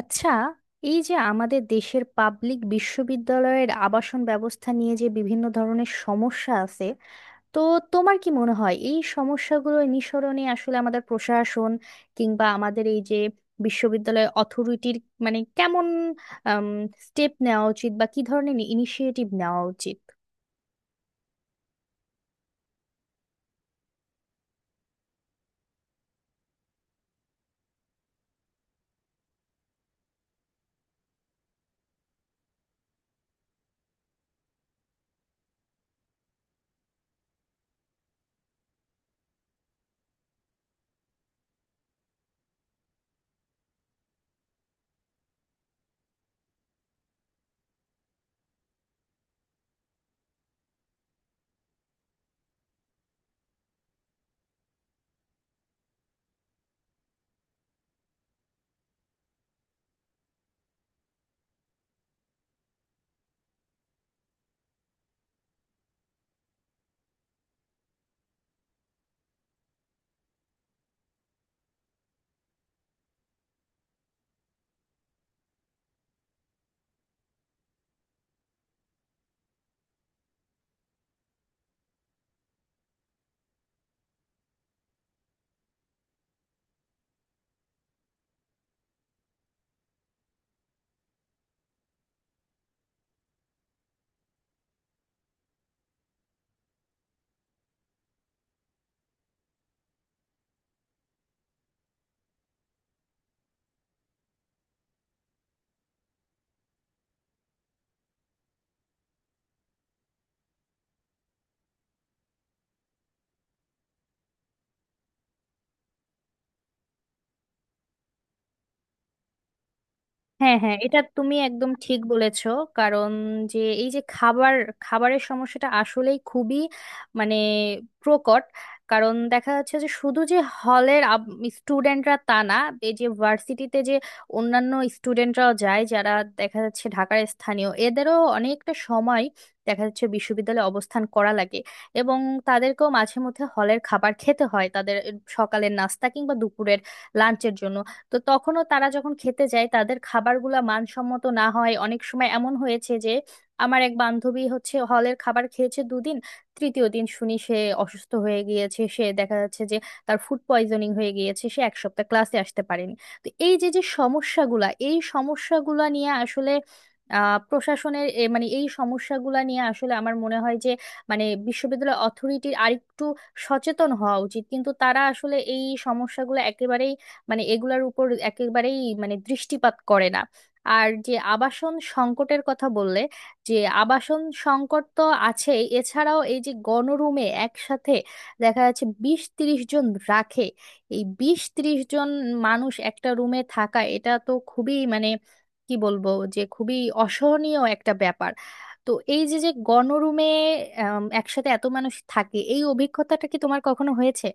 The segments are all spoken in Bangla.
আচ্ছা, এই যে আমাদের দেশের পাবলিক বিশ্ববিদ্যালয়ের আবাসন ব্যবস্থা নিয়ে যে বিভিন্ন ধরনের সমস্যা আছে, তো তোমার কি মনে হয় এই সমস্যাগুলো নিঃসরণে আসলে আমাদের প্রশাসন কিংবা আমাদের এই যে বিশ্ববিদ্যালয় অথরিটির মানে কেমন স্টেপ নেওয়া উচিত বা কি ধরনের ইনিশিয়েটিভ নেওয়া উচিত? হ্যাঁ, হ্যাঁ, এটা তুমি একদম ঠিক বলেছো। কারণ যে এই যে খাবারের সমস্যাটা আসলেই খুবই মানে প্রকট। কারণ দেখা যাচ্ছে যে শুধু যে হলের স্টুডেন্টরা তা না, এই যে ভার্সিটিতে যে অন্যান্য স্টুডেন্টরাও যায় যারা দেখা যাচ্ছে ঢাকার স্থানীয়, এদেরও অনেকটা সময় দেখা যাচ্ছে বিশ্ববিদ্যালয়ে অবস্থান করা লাগে এবং তাদেরকেও মাঝে মধ্যে হলের খাবার খেতে হয়, তাদের সকালের নাস্তা কিংবা দুপুরের লাঞ্চের জন্য। তো তখনও তারা যখন খেতে যায় তাদের খাবারগুলা মানসম্মত না হয়। অনেক সময় এমন হয়েছে যে আমার এক বান্ধবী হচ্ছে হলের খাবার খেয়েছে দুদিন, তৃতীয় দিন শুনি সে অসুস্থ হয়ে গিয়েছে। সে দেখা যাচ্ছে যে তার ফুড পয়জনিং হয়ে গিয়েছে, সে এক সপ্তাহ ক্লাসে আসতে পারেনি। তো এই যে যে সমস্যাগুলা এই সমস্যাগুলা নিয়ে আসলে প্রশাসনের মানে এই সমস্যাগুলা নিয়ে আসলে আমার মনে হয় যে মানে বিশ্ববিদ্যালয় অথরিটির আরেকটু সচেতন হওয়া উচিত, কিন্তু তারা আসলে এই সমস্যাগুলো একেবারেই মানে এগুলার উপর একেবারেই মানে দৃষ্টিপাত করে না। আর যে আবাসন সংকটের কথা বললে, যে আবাসন সংকট তো আছেই, এছাড়াও এই যে গণরুমে একসাথে দেখা যাচ্ছে 20-30 জন রাখে। এই 20-30 জন মানুষ একটা রুমে থাকা, এটা তো খুবই মানে কি বলবো যে খুবই অসহনীয় একটা ব্যাপার। তো এই যে যে গণরুমে আম, একসাথে এত মানুষ থাকে, এই অভিজ্ঞতাটা কি তোমার কখনো হয়েছে?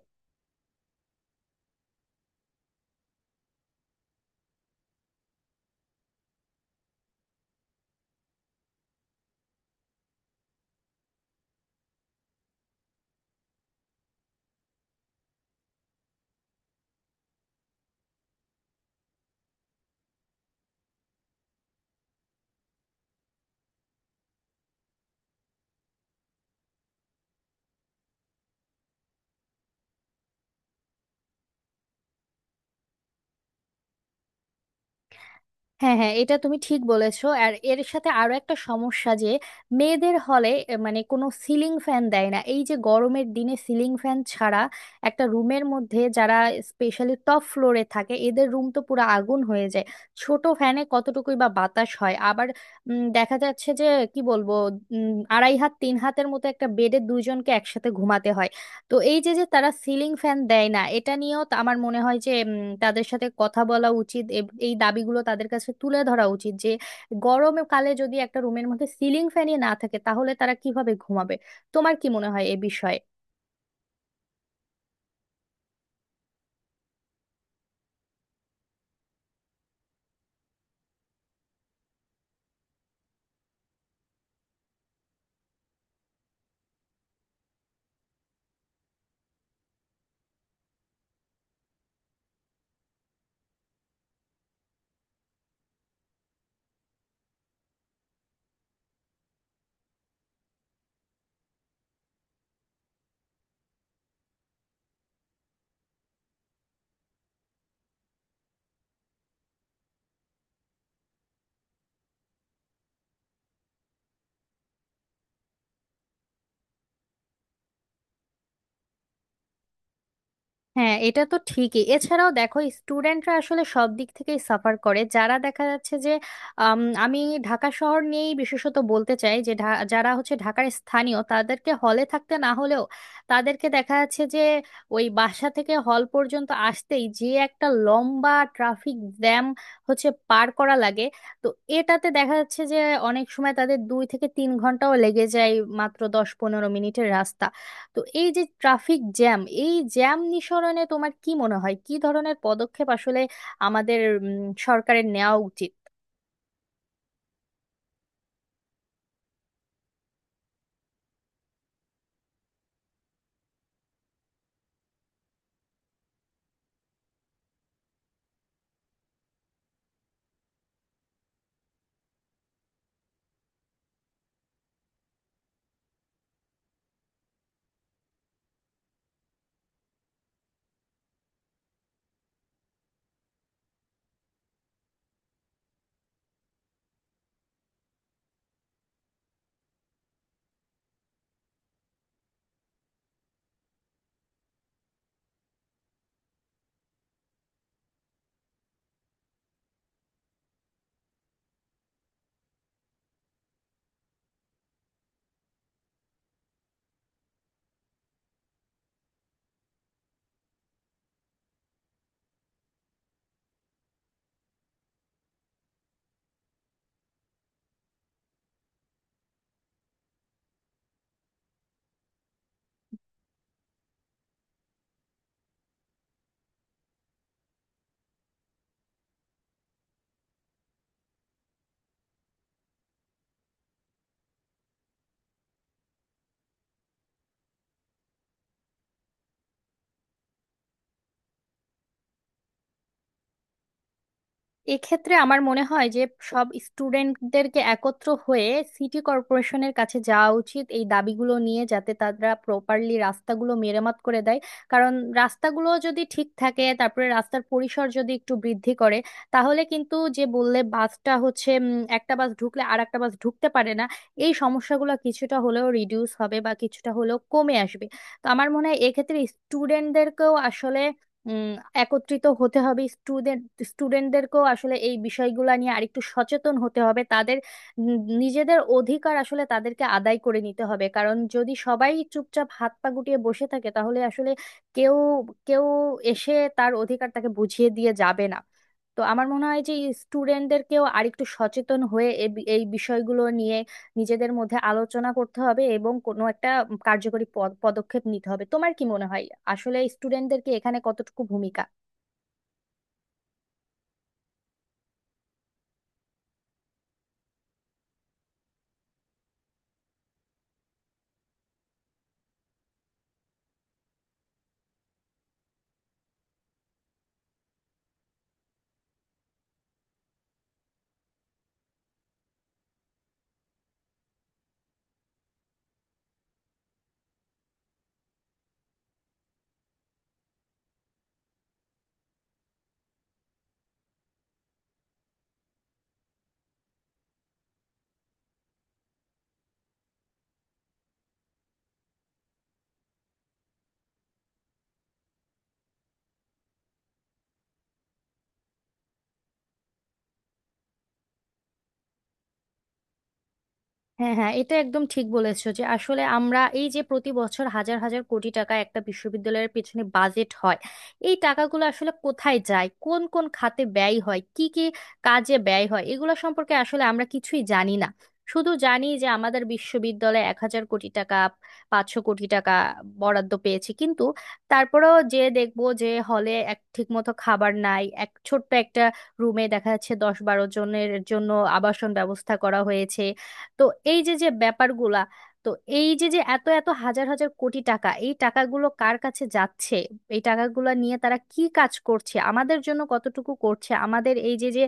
হ্যাঁ, হ্যাঁ, এটা তুমি ঠিক বলেছো। আর এর সাথে আরো একটা সমস্যা যে মেয়েদের হলে মানে কোনো সিলিং ফ্যান দেয় না। এই যে গরমের দিনে সিলিং ফ্যান ছাড়া একটা রুমের মধ্যে যারা স্পেশালি টপ ফ্লোরে থাকে, এদের রুম তো পুরো আগুন হয়ে যায়। ছোট ফ্যানে কতটুকুই বা বাতাস হয়। আবার দেখা যাচ্ছে যে কি বলবো, আড়াই হাত তিন হাতের মতো একটা বেডে দুইজনকে একসাথে ঘুমাতে হয়। তো এই যে যে তারা সিলিং ফ্যান দেয় না এটা নিয়েও আমার মনে হয় যে তাদের সাথে কথা বলা উচিত, এই দাবিগুলো তাদের কাছে তুলে ধরা উচিত যে গরমে কালে যদি একটা রুমের মধ্যে সিলিং ফ্যানই না থাকে তাহলে তারা কিভাবে ঘুমাবে। তোমার কি মনে হয় এ বিষয়ে? হ্যাঁ, এটা তো ঠিকই। এছাড়াও দেখো স্টুডেন্টরা আসলে সব দিক থেকেই সাফার করে। যারা দেখা যাচ্ছে যে আম, আমি ঢাকা শহর নিয়েই বিশেষত বলতে চাই যে যারা হচ্ছে ঢাকার স্থানীয় তাদেরকে হলে থাকতে না হলেও তাদেরকে দেখা যাচ্ছে যে ওই বাসা থেকে হল পর্যন্ত আসতেই যে একটা লম্বা ট্রাফিক জ্যাম হচ্ছে পার করা লাগে। তো এটাতে দেখা যাচ্ছে যে অনেক সময় তাদের 2 থেকে 3 ঘন্টাও লেগে যায়, মাত্র 10-15 মিনিটের রাস্তা। তো এই যে ট্রাফিক জ্যাম, এই জ্যাম নিঃসরণে তোমার কি মনে হয় কি ধরনের পদক্ষেপ আসলে আমাদের সরকারের নেওয়া উচিত? এক্ষেত্রে আমার মনে হয় যে সব স্টুডেন্টদেরকে একত্র হয়ে সিটি কর্পোরেশনের কাছে যাওয়া উচিত এই দাবিগুলো নিয়ে, যাতে তারা প্রপারলি রাস্তাগুলো মেরামত করে দেয়। কারণ রাস্তাগুলো যদি ঠিক থাকে, তারপরে রাস্তার পরিসর যদি একটু বৃদ্ধি করে, তাহলে কিন্তু যে বললে বাসটা হচ্ছে একটা বাস ঢুকলে আর একটা বাস ঢুকতে পারে না, এই সমস্যাগুলো কিছুটা হলেও রিডিউস হবে বা কিছুটা হলেও কমে আসবে। তো আমার মনে হয় এক্ষেত্রে স্টুডেন্টদেরকেও আসলে উম একত্রিত হতে হবে। স্টুডেন্টদেরকেও আসলে এই বিষয়গুলো নিয়ে আরেকটু সচেতন হতে হবে, তাদের নিজেদের অধিকার আসলে তাদেরকে আদায় করে নিতে হবে। কারণ যদি সবাই চুপচাপ হাত পা গুটিয়ে বসে থাকে তাহলে আসলে কেউ কেউ এসে তার অধিকার তাকে বুঝিয়ে দিয়ে যাবে না। তো আমার মনে হয় যে স্টুডেন্টদেরকেও আরেকটু সচেতন হয়ে এই বিষয়গুলো নিয়ে নিজেদের মধ্যে আলোচনা করতে হবে এবং কোনো একটা কার্যকরী পদক্ষেপ নিতে হবে। তোমার কি মনে হয় আসলে স্টুডেন্টদের কি এখানে কতটুকু ভূমিকা? হ্যাঁ, হ্যাঁ, এটা একদম ঠিক বলেছো যে আসলে আমরা এই যে প্রতি বছর হাজার হাজার কোটি টাকা একটা বিশ্ববিদ্যালয়ের পেছনে বাজেট হয়। এই টাকাগুলো আসলে কোথায় যায়, কোন কোন খাতে ব্যয় হয়, কি কি কাজে ব্যয় হয়, এগুলো সম্পর্কে আসলে আমরা কিছুই জানি না। শুধু জানি যে আমাদের বিশ্ববিদ্যালয়ে 1,000 কোটি টাকা, 500 কোটি টাকা বরাদ্দ পেয়েছে, কিন্তু তারপরেও যে দেখবো যে হলে এক ঠিকমতো খাবার নাই, এক ছোট্ট একটা রুমে দেখা যাচ্ছে 10-12 জনের জন্য আবাসন ব্যবস্থা করা হয়েছে। তো এই যে যে ব্যাপারগুলা, তো এই যে যে এত এত হাজার হাজার কোটি টাকা, এই টাকাগুলো কার কাছে যাচ্ছে, এই টাকাগুলো নিয়ে তারা কি কাজ করছে, আমাদের জন্য কতটুকু করছে? আমাদের এই যে যে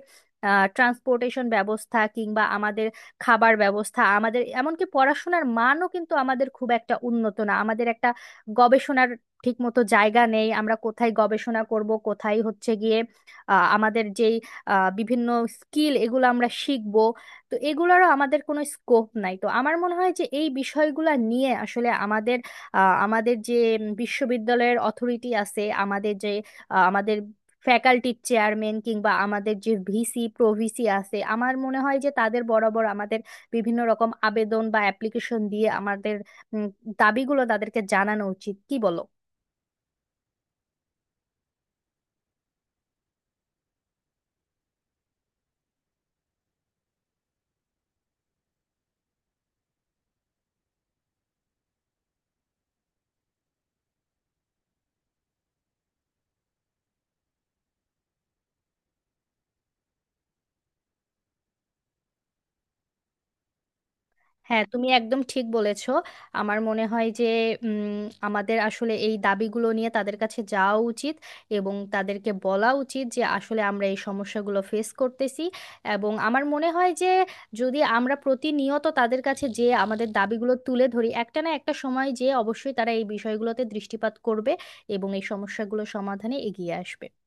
ট্রান্সপোর্টেশন ব্যবস্থা কিংবা আমাদের খাবার ব্যবস্থা, আমাদের এমনকি পড়াশোনার মানও কিন্তু আমাদের খুব একটা উন্নত না। আমাদের একটা গবেষণার ঠিক মতো জায়গা নেই, আমরা কোথায় গবেষণা করব, কোথায় হচ্ছে গিয়ে আমাদের যেই বিভিন্ন স্কিল এগুলো আমরা শিখব। তো এগুলোরও আমাদের কোনো স্কোপ নাই। তো আমার মনে হয় যে এই বিষয়গুলো নিয়ে আসলে আমাদের আমাদের যে বিশ্ববিদ্যালয়ের অথরিটি আছে, আমাদের যে আমাদের ফ্যাকাল্টির চেয়ারম্যান কিংবা আমাদের যে ভিসি প্রভিসি আছে, আমার মনে হয় যে তাদের বরাবর আমাদের বিভিন্ন রকম আবেদন বা অ্যাপ্লিকেশন দিয়ে আমাদের উম, দাবিগুলো তাদেরকে জানানো উচিত। কি বলো? হ্যাঁ, তুমি একদম ঠিক বলেছো। আমার মনে হয় যে উম, আমাদের আসলে এই দাবিগুলো নিয়ে তাদের কাছে যাওয়া উচিত এবং তাদেরকে বলা উচিত যে আসলে আমরা এই সমস্যাগুলো ফেস করতেছি, এবং আমার মনে হয় যে যদি আমরা প্রতিনিয়ত তাদের কাছে যে আমাদের দাবিগুলো তুলে ধরি, একটা না একটা সময় যে অবশ্যই তারা এই বিষয়গুলোতে দৃষ্টিপাত করবে এবং এই সমস্যাগুলো সমাধানে এগিয়ে আসবে।